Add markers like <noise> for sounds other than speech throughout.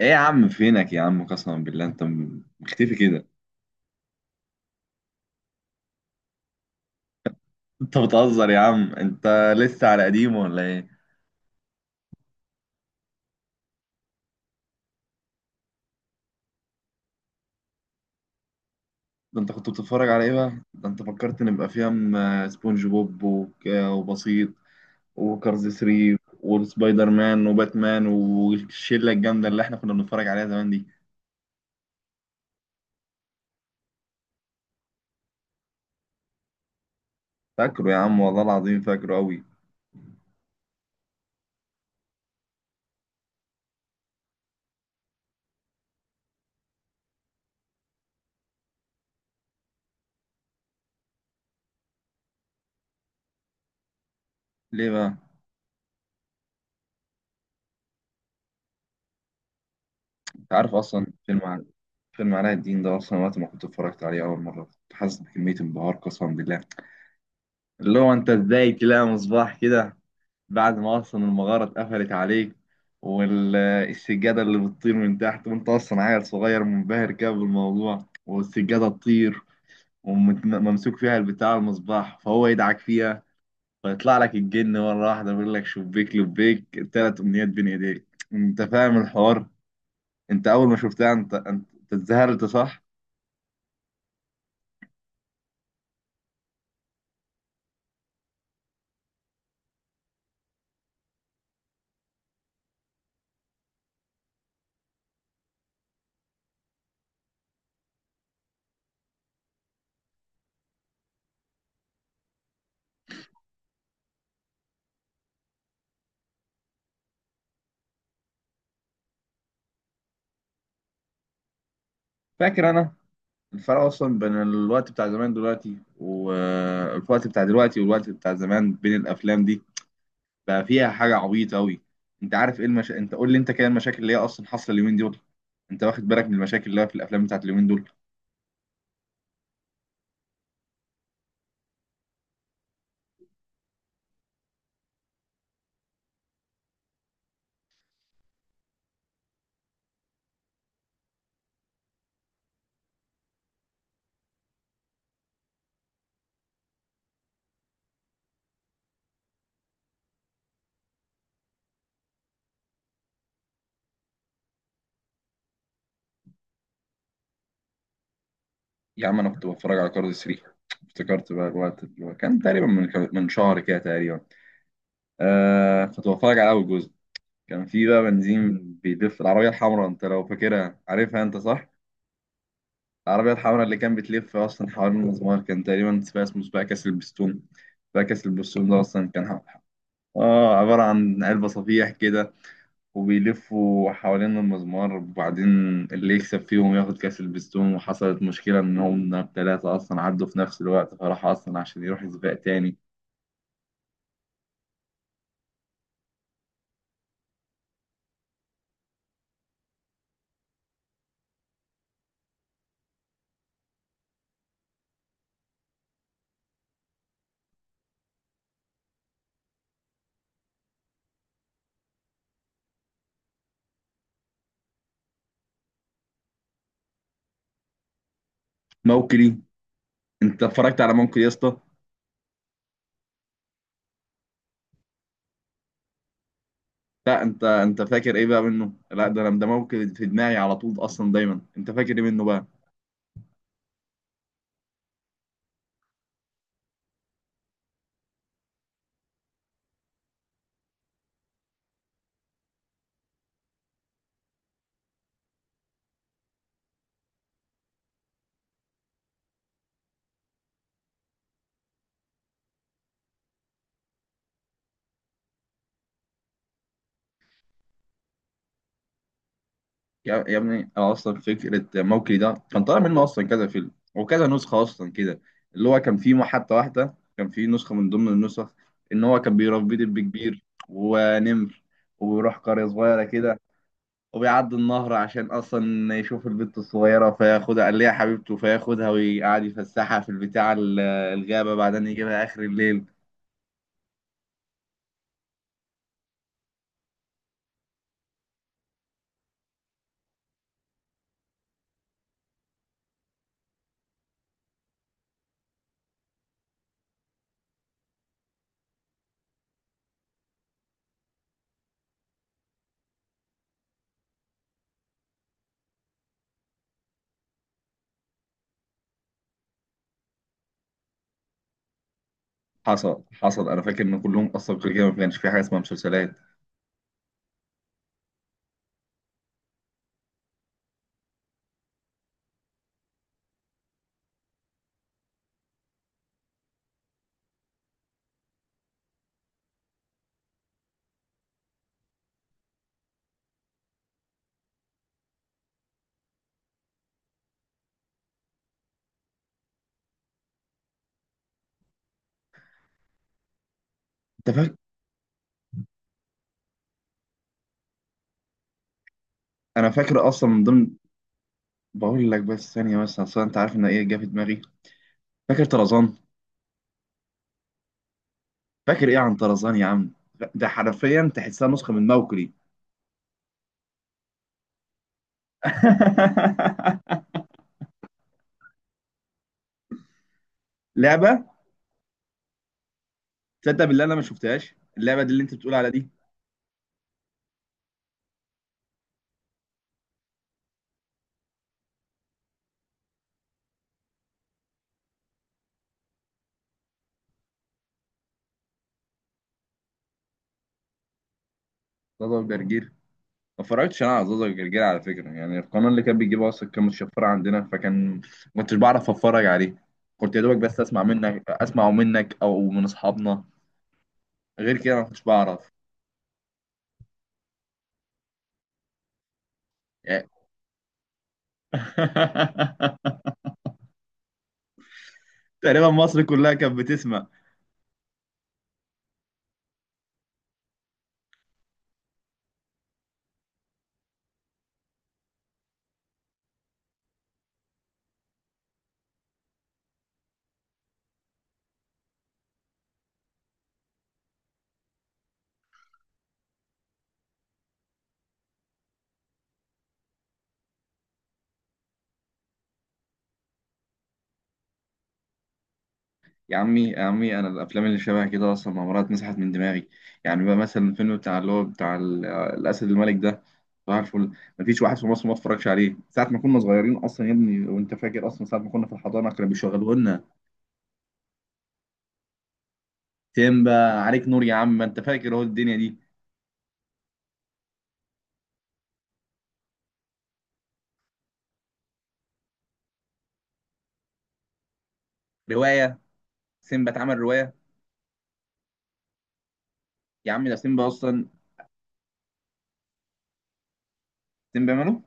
ايه يا عم، فينك يا عم؟ قسما بالله انت مختفي كده. انت بتهزر يا عم؟ انت لسه على قديم ولا ايه؟ ده انت كنت بتتفرج على ايه بقى؟ ده انت فكرت، نبقى في سبونج بوب وبسيط وكارز 3 وسبايدر مان وباتمان والشله الجامده اللي احنا كنا بنتفرج عليها زمان دي. فاكره يا عم، والله العظيم فاكره قوي. ليه بقى؟ انت عارف اصلا فيلم فيلم علاء الدين ده؟ اصلا وقت ما كنت اتفرجت عليه اول مره كنت حاسس بكميه انبهار قسما بالله، اللي هو انت ازاي تلاقي مصباح كده بعد ما اصلا المغاره اتقفلت عليك، والسجاده اللي بتطير من تحت، وانت اصلا عيل صغير منبهر كده بالموضوع والسجاده تطير وممسوك فيها البتاع المصباح، فهو يدعك فيها فيطلع لك الجن مره واحده بيقول لك شبيك لبيك، ثلاث امنيات بين ايديك. انت فاهم الحوار. انت اول ما شفتها انت انت أنت اتذهلت صح؟ فاكر انا الفرق اصلا بين الوقت بتاع زمان دلوقتي، والوقت بتاع دلوقتي والوقت بتاع زمان بين الافلام دي، بقى فيها حاجه عبيطه قوي. انت عارف ايه انت قول لي انت كده المشاكل اللي هي اصلا حاصله اليومين دول؟ انت واخد بالك من المشاكل اللي هي في الافلام بتاعت اليومين دول؟ يا عم انا كنت بتفرج على كارد 3. افتكرت بقى الوقت اللي هو كان تقريبا من شهر كده تقريبا. آه، كنت بتفرج على اول جزء. كان في بقى بنزين بيلف العربيه الحمراء، انت لو فاكرها عارفها انت صح؟ العربيه الحمراء اللي كان بتلف اصلا حوالين المزمار، كان تقريبا سباق اسمه سباق كاس البستون. سباق كاس البستون ده اصلا كان عباره عن علبه صفيح كده، وبيلفوا حوالين المزمار وبعدين اللي يكسب فيهم ياخد كأس البستون. وحصلت مشكلة إن هم التلاتة أصلا عدوا في نفس الوقت، فراح أصلا عشان يروح سباق تاني. موكلي؟ أنت اتفرجت على موكلي يا اسطى؟ لا أنت فاكر إيه بقى منه؟ لا ده أنا، ده موكلي في دماغي على طول أصلا دايما. أنت فاكر إيه منه بقى؟ يا ابني، انا اصلا فكره موكلي ده كان طالع منه اصلا كذا فيلم وكذا نسخه اصلا كده. اللي هو كان فيه حتى واحده، كان فيه نسخه من ضمن النسخ، ان هو كان بيربي دب كبير ونمر، وبيروح قريه صغيره كده وبيعدي النهر عشان اصلا يشوف البنت الصغيره فياخدها، قال ليها حبيبته، فياخدها ويقعد يفسحها في البتاع الغابه بعدين يجيبها اخر الليل. حصل حصل، انا فاكر ان كلهم اصلا كل كده ما كانش في حاجه اسمها مسلسلات. انت فاكر؟ انا فاكر اصلا من ضمن، بقول لك بس ثانية بس، أصل أنت عارف إن إيه جه في دماغي؟ فاكر طرزان؟ فاكر إيه عن طرزان يا عم؟ ده حرفيا تحسها نسخة من موكلي. <laughs> لعبة. تصدق بالله أنا ما شفتهاش اللعبة دي اللي أنت بتقول على دي. زازا وجرجير، ما اتفرجتش أنا على زازا وجرجير على فكرة. يعني القناة اللي كان بيجيبها أصلا كان متشفرة عندنا، فكان ما كنتش بعرف أتفرج عليه. كنت يا دوبك بس أسمعه منك أو من أصحابنا، غير كده ما كنتش بعرف. يعني. <laughs> تقريبا مصر كلها كانت بتسمع. يا عمي يا عمي، انا الافلام اللي شبه كده اصلا ما مرات مسحت من دماغي. يعني بقى مثلا الفيلم بتاع اللي هو بتاع الاسد الملك ده، صباح الفل. مفيش واحد في مصر ما اتفرجش عليه ساعه ما كنا صغيرين اصلا يا ابني. وانت فاكر اصلا ساعه ما كنا في الحضانه كانوا بيشغلوا لنا سيمبا؟ عليك نور يا عم، ما انت فاكر هو الدنيا دي. روايه؟ سيمبا اتعمل روايه؟ يا عم ده سيمبا اصلا، سيمبا ماله؟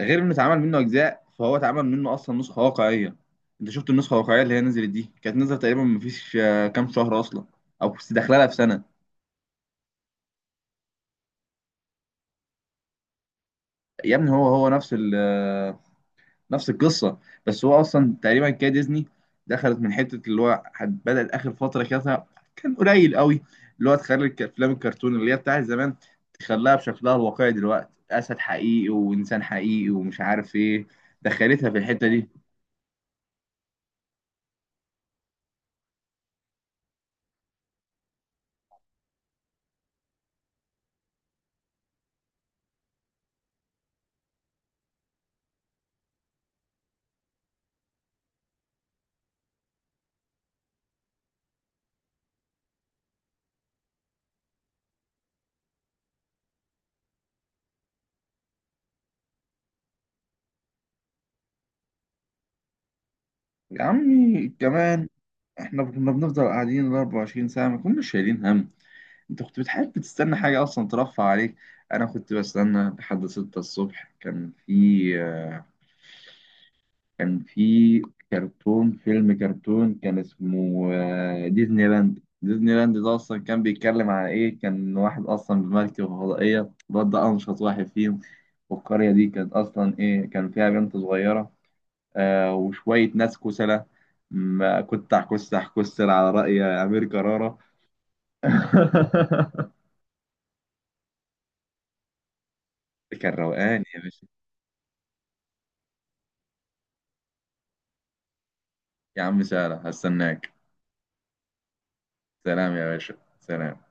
غير انه اتعمل منه اجزاء فهو اتعمل منه اصلا نسخه واقعيه. انت شفت النسخه الواقعيه اللي هي نزلت دي؟ كانت نزلت تقريبا مفيش كام شهر اصلا، او داخله لها في سنه. يا ابني، هو هو نفس نفس القصه، بس هو اصلا تقريبا كده ديزني دخلت من حته اللي هو بدات اخر فتره كده، كان قليل قوي، اللي هو تخلي افلام الكرتون اللي هي بتاعت زمان تخليها بشكلها الواقعي، دلوقتي اسد حقيقي وانسان حقيقي ومش عارف ايه، دخلتها في الحته دي. يا عمي كمان، احنا كنا بنفضل قاعدين ال 24 ساعه ما كناش شايلين هم. انت كنت بتحب تستنى حاجه اصلا ترفع عليك؟ انا كنت بستنى لحد 6 الصبح. كان في كان في كرتون، فيلم كرتون كان اسمه ديزني لاند. ديزني لاند ده اصلا كان بيتكلم على ايه؟ كان واحد اصلا بمركب فضائيه، الواد ده انشط واحد فيهم، والقريه دي كانت اصلا ايه، كان فيها بنت صغيره، وشويه ناس كسلة، ما كنت كسح، كسل على رأي امير كرارة. <laughs> كان روقان يا باشا. يا عم سهلة، هستناك. سلام يا باشا. سلام.